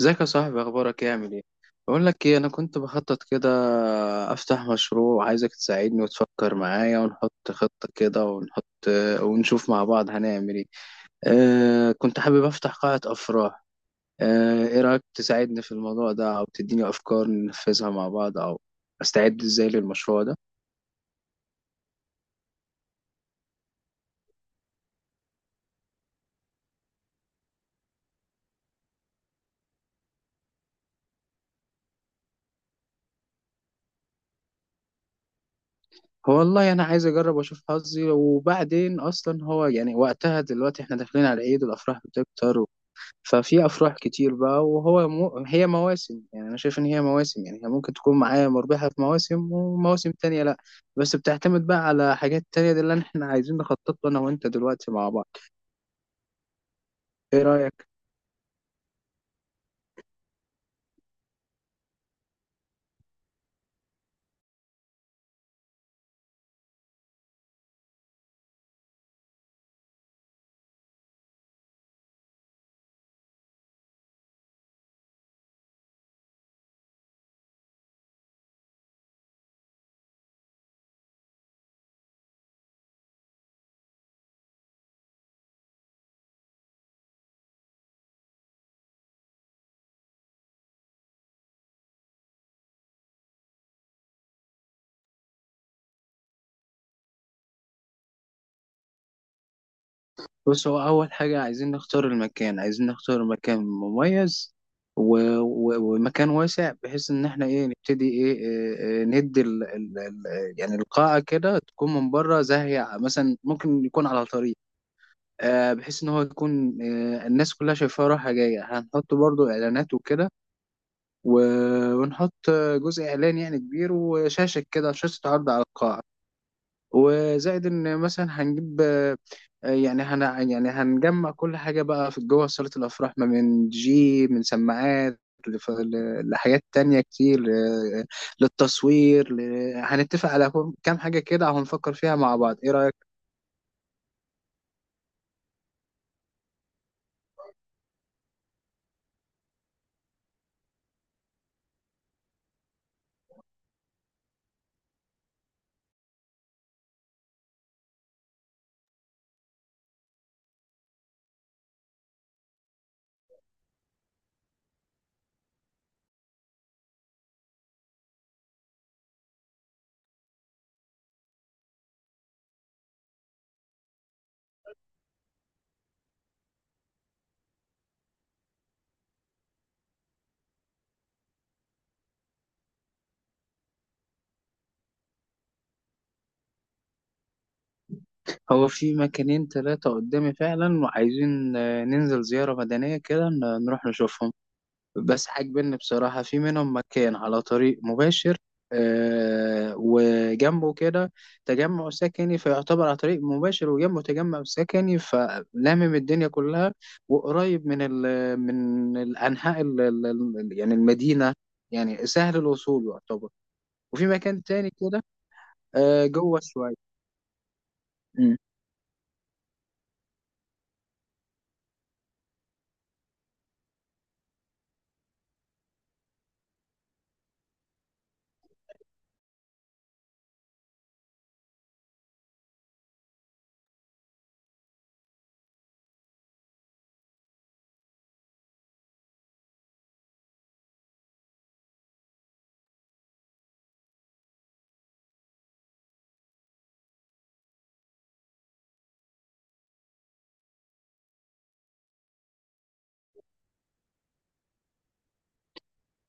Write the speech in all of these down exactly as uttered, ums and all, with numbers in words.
ازيك يا صاحبي، اخبارك ايه؟ عامل ايه؟ بقول لك ايه، انا كنت بخطط كده افتح مشروع. عايزك تساعدني وتفكر معايا ونحط خطة كده ونحط ونشوف مع بعض هنعمل ايه. آه كنت حابب افتح قاعة افراح. آه ايه رايك تساعدني في الموضوع ده او تديني افكار ننفذها مع بعض، او استعد ازاي للمشروع ده؟ هو والله انا عايز اجرب واشوف حظي، وبعدين اصلا هو يعني وقتها دلوقتي احنا داخلين على عيد والافراح بتكتر، ففي افراح كتير بقى. وهو مو... هي مواسم، يعني انا شايف ان هي مواسم، يعني هي ممكن تكون معايا مربحه في مواسم، ومواسم تانية لا. بس بتعتمد بقى على حاجات تانية، دي اللي احنا عايزين نخطط له انا وانت دلوقتي مع بعض. ايه رايك؟ بص، هو اول حاجه عايزين نختار المكان، عايزين نختار مكان مميز و... و... ومكان واسع، بحيث ان احنا ايه نبتدي ايه, إيه... إيه... ندي ال... ال... ال... يعني القاعه كده تكون من بره زاهيه، مثلا ممكن يكون على طريق، آه، بحيث ان هو يكون، آه، الناس كلها شايفاه رايحه جايه. هنحط برضو اعلانات وكده، و- ونحط آه، جزء اعلان يعني كبير وشاشه كده، شاشه عرض على القاعه. وزائد ان مثلا هنجيب آه، آه، يعني هن يعني هنجمع كل حاجه بقى في جوه صاله الافراح، ما من دي جي، من سماعات، لف- ل- لحاجات تانية كتير، آه، للتصوير، ل- هنتفق على كم كام حاجة كده وهنفكر فيها مع بعض. إيه رأيك؟ هو في مكانين ثلاثة قدامي فعلا، وعايزين آه، ننزل زيارة مدنية كده، ن- نروح نشوفهم. بس عاجبني بصراحة في منهم مكان على طريق مباشر، آه، وجنبه كده تجمع سكني. فيعتبر على طريق مباشر وجنبه تجمع سكني، فلامم الدنيا كلها، وقريب من ال من الأنحاء ال ال- يعني المدينة، يعني سهل الوصول يعتبر. وفي مكان تاني كده آه، جوه شوية.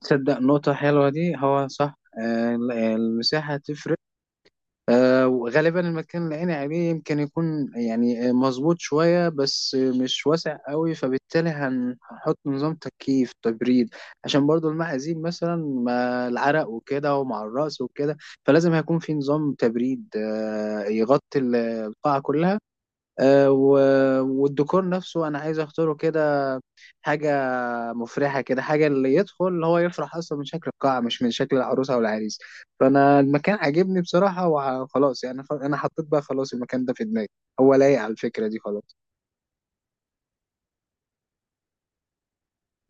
تصدق نقطة حلوة دي، هو صح، آه، ال- المساحة تفرق. آه، وغالبا المكان اللي أنا عليه يمكن يكون يعني آه، مظبوط شوية، بس آه، مش واسع قوي، فبالتالي هن- هنحط نظام تكييف تبريد، عشان برضو المعازيم مثلا ما العرق وكده ومع الرأس وكده، فلازم هيكون في نظام تبريد آه، يغطي ال- القاعة كلها. آه، و- والديكور نفسه أنا عايز أختاره كده، حاجة مفرحة كده، حاجة اللي يدخل اللي هو يفرح أصلا من شكل القاعة، مش من شكل العروسة أو العريس. فأنا المكان عاجبني بصراحة وخلاص، يعني خ- أنا حطيت بقى خلاص المكان ده في دماغي، هو لايق على الفكرة دي خلاص.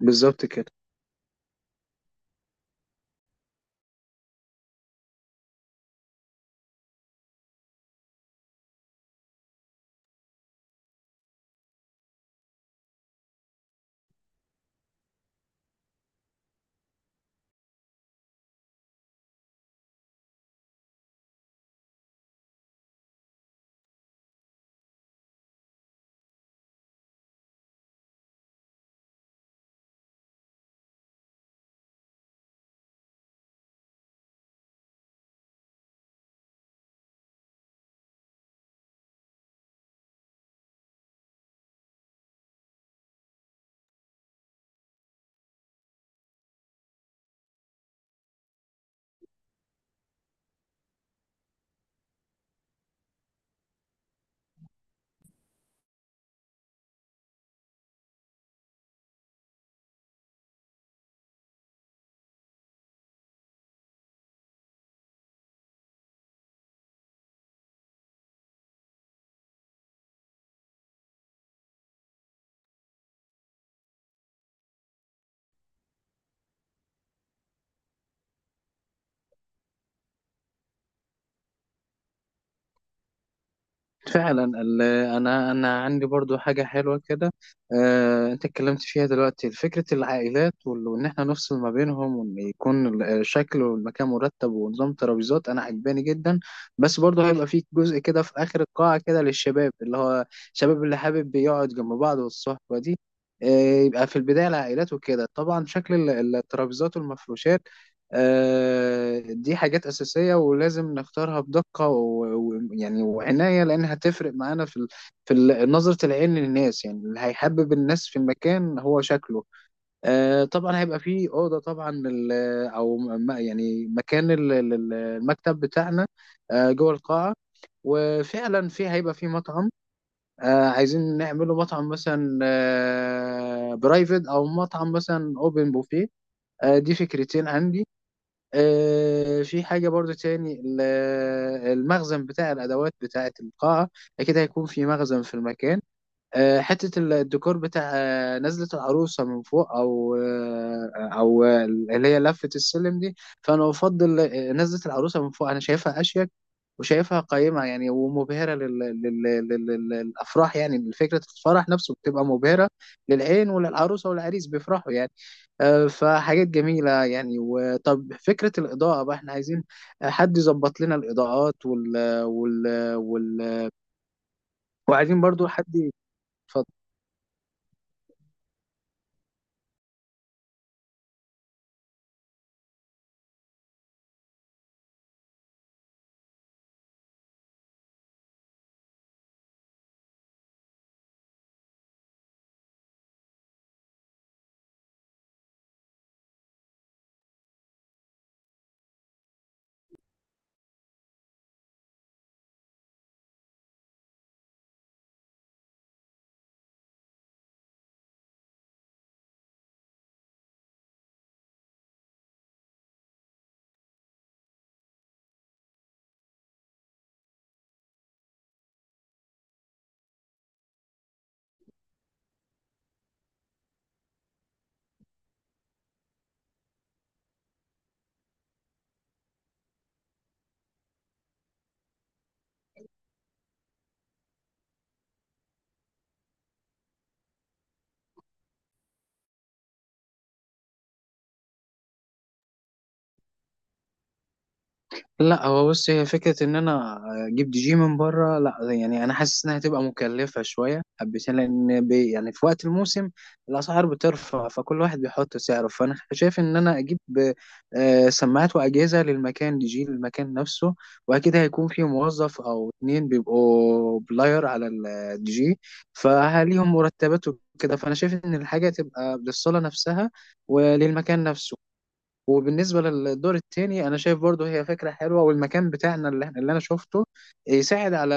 بالظبط كده. فعلا ال- انا انا عندي برضو حاجه حلوه كده، آه، انت اتكلمت فيها دلوقتي، فكره العائلات وال- وان احنا نفصل ما بينهم، وان يكون ال- الشكل والمكان مرتب ونظام ترابيزات انا عجباني جدا. بس برضو هيبقى في جزء كده في اخر القاعه كده للشباب، اللي هو الشباب اللي حابب يقعد جنب بعض والصحبه دي. آه، يبقى في البدايه العائلات وكده. طبعا شكل ال- الترابيزات والمفروشات، آه، دي حاجات أساسية ولازم نختارها بدقة ويعني وعناية، لأن هتفرق معانا في ال- في ال- نظرة العين للناس، يعني اللي هيحبب الناس في المكان هو شكله. آه، طبعا هيبقى فيه أوضة طبعا لل- أو م- يعني مكان ال- ال- المكتب بتاعنا آه، جوه القاعة. وفعلا في هيبقى في مطعم، آه عايزين نعمله مطعم مثلا آه برايفت، او مطعم مثلا اوبن بوفيه، آه دي فكرتين عندي. آه، في حاجة برضو تاني، ال- المخزن بتاع الأدوات بتاعة القاعة، أكيد هيكون في مخزن في المكان. آه، حتة ال- الديكور بتاع آه، نزلة العروسة من فوق، أو آه، أو آه، اللي هي لفة السلم دي. فأنا أفضل آه، نزلة العروسة من فوق، أنا شايفها أشيك وشايفها قيمة، يعني ومبهرة لل... لل... لل... لل- للأفراح، يعني فكرة الفرح نفسه بتبقى مبهرة للعين، وللعروسة والعريس بيفرحوا يعني. آه، فحاجات جميلة يعني. وطب فكرة الإضاءة بقى، احنا عايزين حد يظبط لنا الإضاءات وال... وال... وال... وعايزين برضو حد يتفضل. لا، هو بص، هي فكرة إن أنا أجيب دي جي من بره لا، يعني أنا حاسس إنها هتبقى مكلفة شوية حبتين، لأن بي يعني في وقت الموسم الأسعار بترفع، فكل واحد بيحط سعره. فأنا شايف إن أنا أجيب آه، سماعات وأجهزة للمكان، دي جي للمكان نفسه، وأكيد هيكون في موظف أو اتنين بيبقوا بلاير على الدي جي، فليهم مرتبات وكده. فأنا شايف إن الحاجة تبقى للصالة نفسها وللمكان نفسه. وبالنسبة للدور التاني، أنا شايف برضو هي فكرة حلوة، والمكان بتاعنا اللي, احنا- اللي أنا شفته يساعد على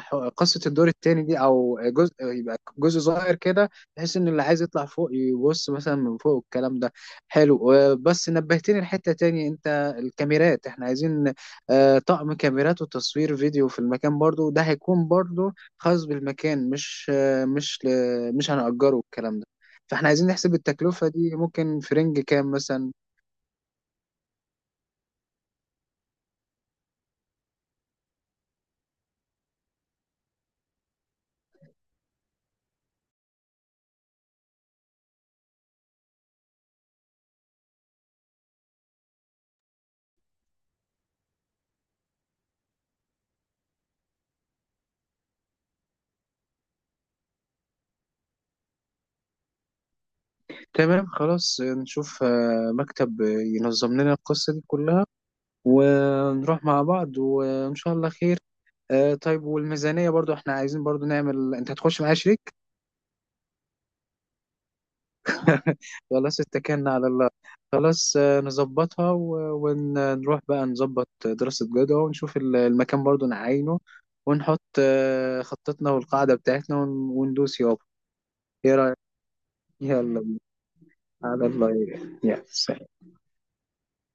ح- قصة الدور التاني دي، أو جزء، يبقى جزء صغير كده، بحيث إن اللي عايز يطلع فوق يبص مثلا من فوق. الكلام ده حلو. و- بس نبهتني لحتة تاني أنت، الكاميرات إحنا عايزين آه، طقم كاميرات وتصوير فيديو في المكان، برضو ده هيكون برضو خاص بالمكان، مش آه، مش ل- مش هنأجره الكلام ده. فاحنا عايزين نحسب التكلفة دي ممكن في رينج كام مثلا. تمام، خلاص نشوف آه، مكتب آه، ينظم لنا القصة دي كلها، ونروح مع بعض وإن شاء الله خير. آه، طيب والميزانية برضو احنا عايزين برضو نعمل، انت هتخش معايا شريك. خلاص، اتكلنا على الله. خلاص آه، نظبطها، و- ونروح بقى نظبط دراسة جدوى، ونشوف ال- المكان برضو نعينه، ونحط آه، خطتنا والقاعدة بتاعتنا، ون- وندوس يابا. ايه رأيك؟ يلا بينا. على الله. يا سلام.